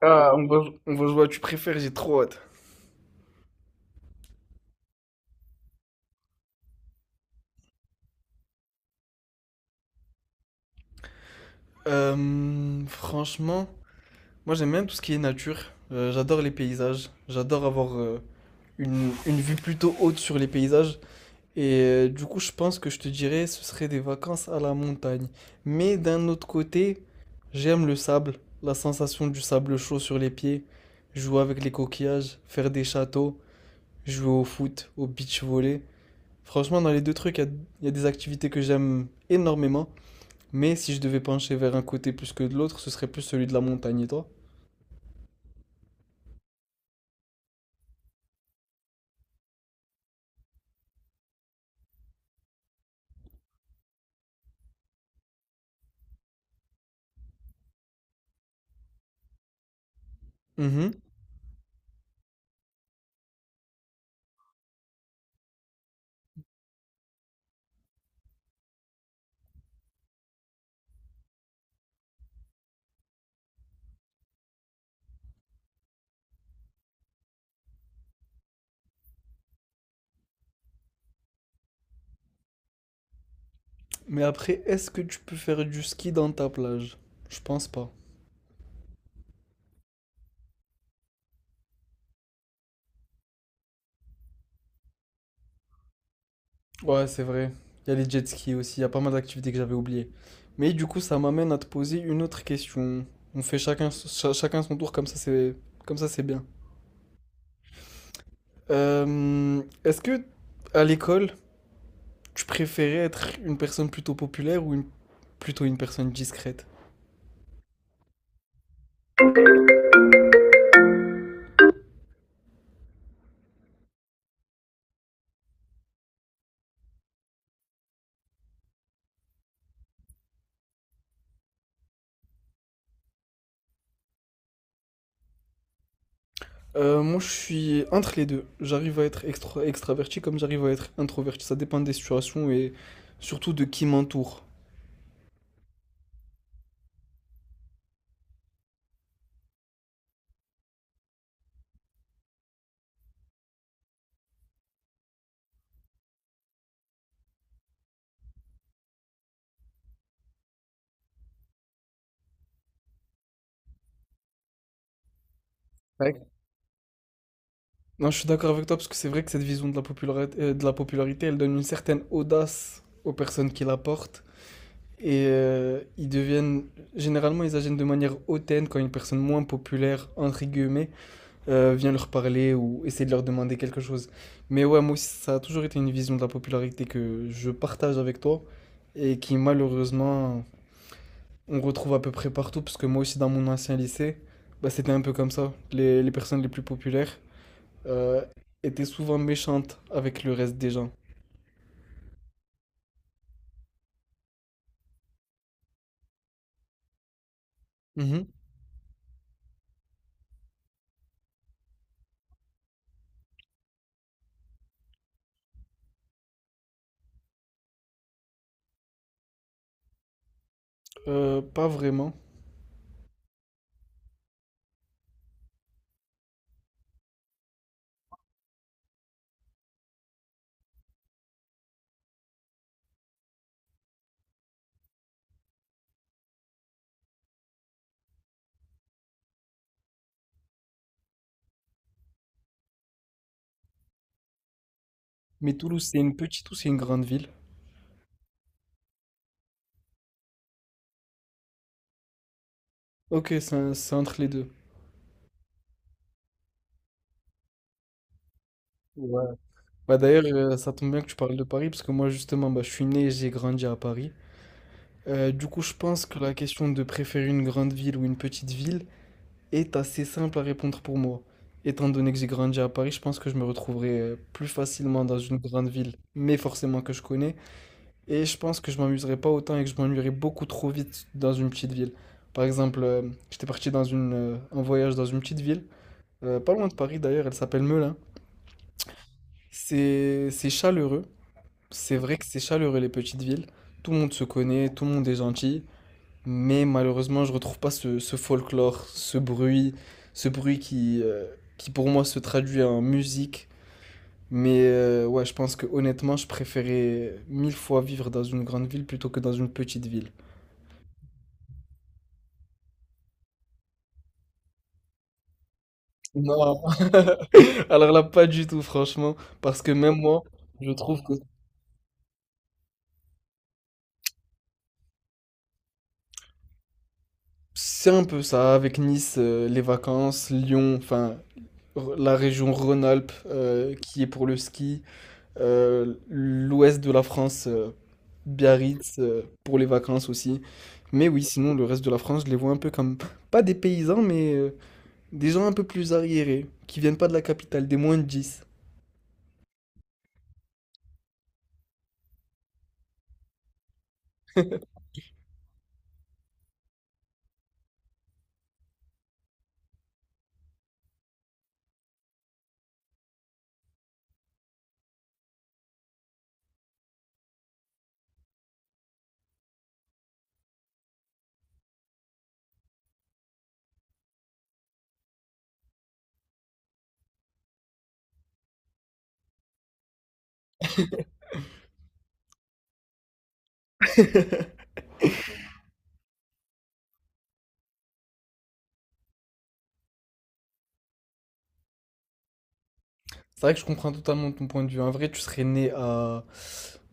Ah, on va jouer à tu préfères, j'ai trop hâte. Franchement, moi j'aime bien tout ce qui est nature. J'adore les paysages. J'adore avoir une vue plutôt haute sur les paysages. Et du coup, je pense que je te dirais ce serait des vacances à la montagne. Mais d'un autre côté, j'aime le sable, la sensation du sable chaud sur les pieds, jouer avec les coquillages, faire des châteaux, jouer au foot, au beach volley. Franchement, dans les deux trucs, il y a des activités que j'aime énormément. Mais si je devais pencher vers un côté plus que de l'autre, ce serait plus celui de la montagne, et toi? Mhm. Mais après, est-ce que tu peux faire du ski dans ta plage? Je pense pas. Ouais, c'est vrai. Il y a les jet skis aussi, il y a pas mal d'activités que j'avais oubliées. Mais du coup, ça m'amène à te poser une autre question. On fait chacun, chacun son tour, comme ça c'est bien. Est-ce que à l'école, tu préférais être une personne plutôt populaire ou une- plutôt une personne discrète? Moi, je suis entre les deux. J'arrive à être extraverti comme j'arrive à être introverti. Ça dépend des situations et surtout de qui m'entoure. Ouais. Non, je suis d'accord avec toi parce que c'est vrai que cette vision de la popularité, elle donne une certaine audace aux personnes qui la portent. Et généralement, ils agissent de manière hautaine quand une personne moins populaire, entre guillemets, viens leur parler ou essaie de leur demander quelque chose. Mais ouais, moi aussi, ça a toujours été une vision de la popularité que je partage avec toi et qui malheureusement on retrouve à peu près partout parce que moi aussi dans mon ancien lycée, bah, c'était un peu comme ça. Les personnes les plus populaires euh, étaient souvent méchantes avec le reste des gens. Mhm. Pas vraiment. Mais Toulouse, c'est une petite ou c'est une grande ville? Ok, c'est entre les deux. Ouais. Bah d'ailleurs, ça tombe bien que tu parles de Paris, parce que moi justement, bah, je suis né et j'ai grandi à Paris. Du coup, je pense que la question de préférer une grande ville ou une petite ville est assez simple à répondre pour moi. Étant donné que j'ai grandi à Paris, je pense que je me retrouverai plus facilement dans une grande ville, mais forcément que je connais. Et je pense que je m'amuserai pas autant et que je m'ennuierais beaucoup trop vite dans une petite ville. Par exemple, j'étais parti en voyage dans une petite ville, pas loin de Paris d'ailleurs, elle s'appelle Melun. C'est chaleureux. C'est vrai que c'est chaleureux les petites villes. Tout le monde se connaît, tout le monde est gentil. Mais malheureusement, je retrouve pas ce folklore, ce bruit qui pour moi se traduit en musique. Mais ouais, je pense que honnêtement, je préférais mille fois vivre dans une grande ville plutôt que dans une petite ville. Non, alors là, pas du tout, franchement, parce que même moi, je trouve que c'est un peu ça avec Nice, les vacances, Lyon, enfin la région Rhône-Alpes qui est pour le ski, l'ouest de la France Biarritz pour les vacances aussi. Mais oui, sinon, le reste de la France, je les vois un peu comme, pas des paysans, mais des gens un peu plus arriérés, qui viennent pas de la capitale, des moins de 10. C'est vrai que je comprends totalement ton point de vue. En vrai, tu serais né à...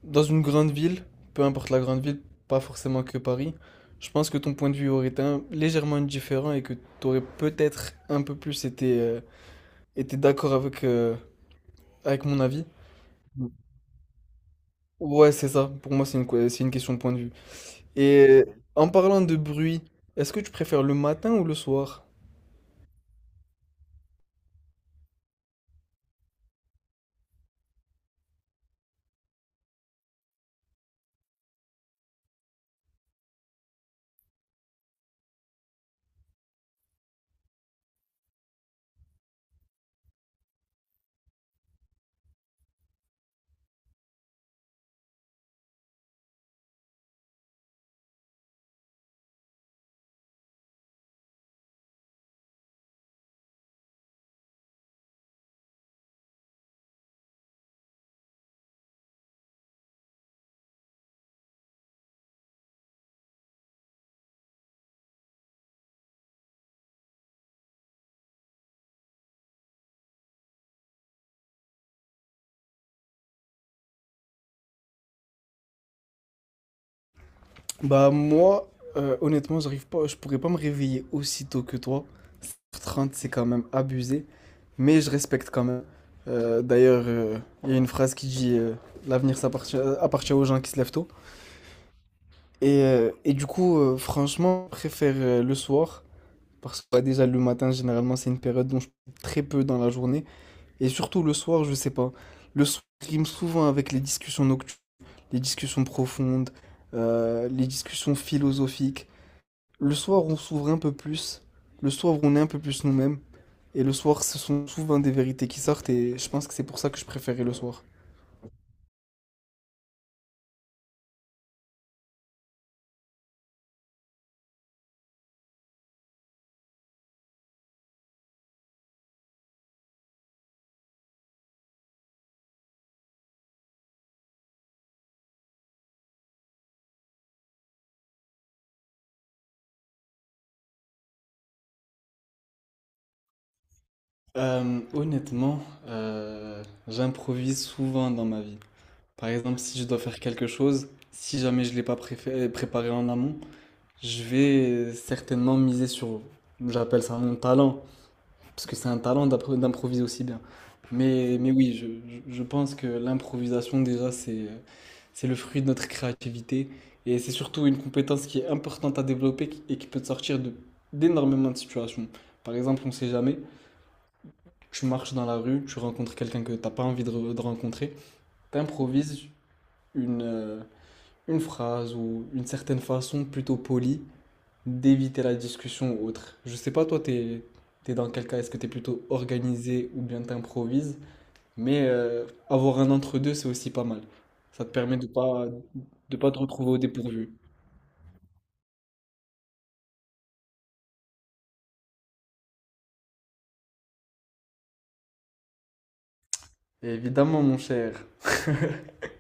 dans une grande ville, peu importe la grande ville, pas forcément que Paris. Je pense que ton point de vue aurait été légèrement différent et que tu aurais peut-être un peu plus été, été d'accord avec, avec mon avis. Ouais, c'est ça. Pour moi, c'est une question de point de vue. Et en parlant de bruit, est-ce que tu préfères le matin ou le soir? Bah moi, honnêtement, j'arrive pas, je pourrais pas me réveiller aussi tôt que toi. 7h30, c'est quand même abusé, mais je respecte quand même. Euh, d'ailleurs, euh, il y a une phrase qui dit l'avenir appartient aux gens qui se lèvent tôt. Et du coup, franchement, je préfère le soir, parce que bah, déjà le matin, généralement, c'est une période dont je fais très peu dans la journée. Et surtout le soir, je sais pas. Le soir rime souvent avec les discussions nocturnes. Les discussions profondes, les discussions philosophiques. Le soir, on s'ouvre un peu plus. Le soir, on est un peu plus nous-mêmes. Et le soir, ce sont souvent des vérités qui sortent et je pense que c'est pour ça que je préférais le soir. Euh, honnêtement, J'improvise souvent dans ma vie. Par exemple, si je dois faire quelque chose, si jamais je ne l'ai pas préparé en amont, je vais certainement j'appelle ça mon talent, parce que c'est un talent d'improviser aussi bien. Mais oui, je pense que l'improvisation, déjà, c'est le fruit de notre créativité. Et c'est surtout une compétence qui est importante à développer et qui peut te sortir de, d'énormément de situations. Par exemple, on ne sait jamais, tu marches dans la rue, tu rencontres quelqu'un que tu n'as pas envie de, de rencontrer, tu improvises une, euh, une phrase ou une certaine façon plutôt polie d'éviter la discussion ou autre. Je sais pas, toi, t'es dans quel cas? Est-ce que t'es plutôt organisé ou bien t'improvises? Mais avoir un entre-deux, c'est aussi pas mal. Ça te permet de pas te retrouver au dépourvu. Évidemment, mon cher.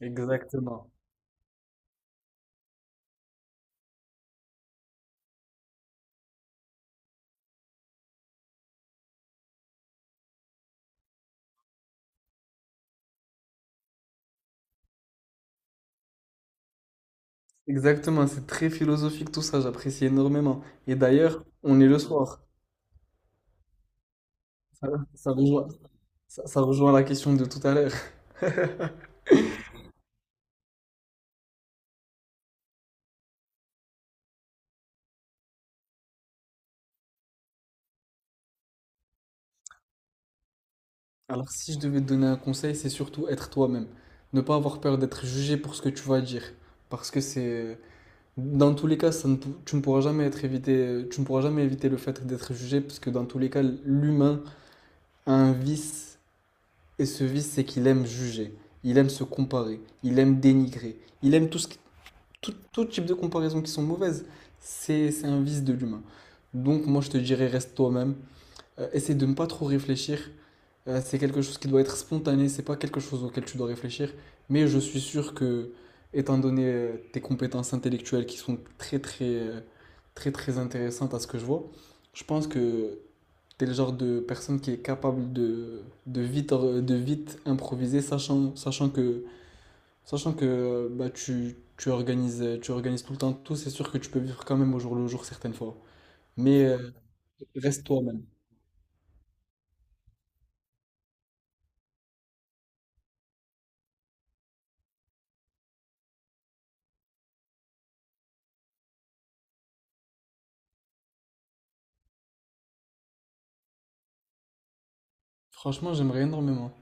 Exactement. Exactement, c'est très philosophique tout ça, j'apprécie énormément. Et d'ailleurs, on est le soir. Ça, ça rejoint, ça rejoint la question de tout à l'heure. Alors, si je devais te donner un conseil, c'est surtout être toi-même. Ne pas avoir peur d'être jugé pour ce que tu vas dire. Parce que c'est... Dans tous les cas, ça ne pou- tu ne pourras jamais être évité, tu ne pourras jamais éviter le fait d'être jugé, parce que dans tous les cas, l'humain a un vice, et ce vice, c'est qu'il aime juger, il aime se comparer, il aime dénigrer, il aime tout, ce qui- tout, tout type de comparaisons qui sont mauvaises. C'est un vice de l'humain. Donc moi, je te dirais, reste toi-même, essaie de ne pas trop réfléchir. C'est quelque chose qui doit être spontané, c'est pas quelque chose auquel tu dois réfléchir. Mais je suis sûr que, étant donné tes compétences intellectuelles qui sont très très très très intéressantes à ce que je vois, je pense que tu es le genre de personne qui est capable de, de vite improviser, sachant que bah, tu organises tout le temps tout. C'est sûr que tu peux vivre quand même au jour le jour certaines fois. Mais reste toi-même. Franchement, j'aimerais énormément.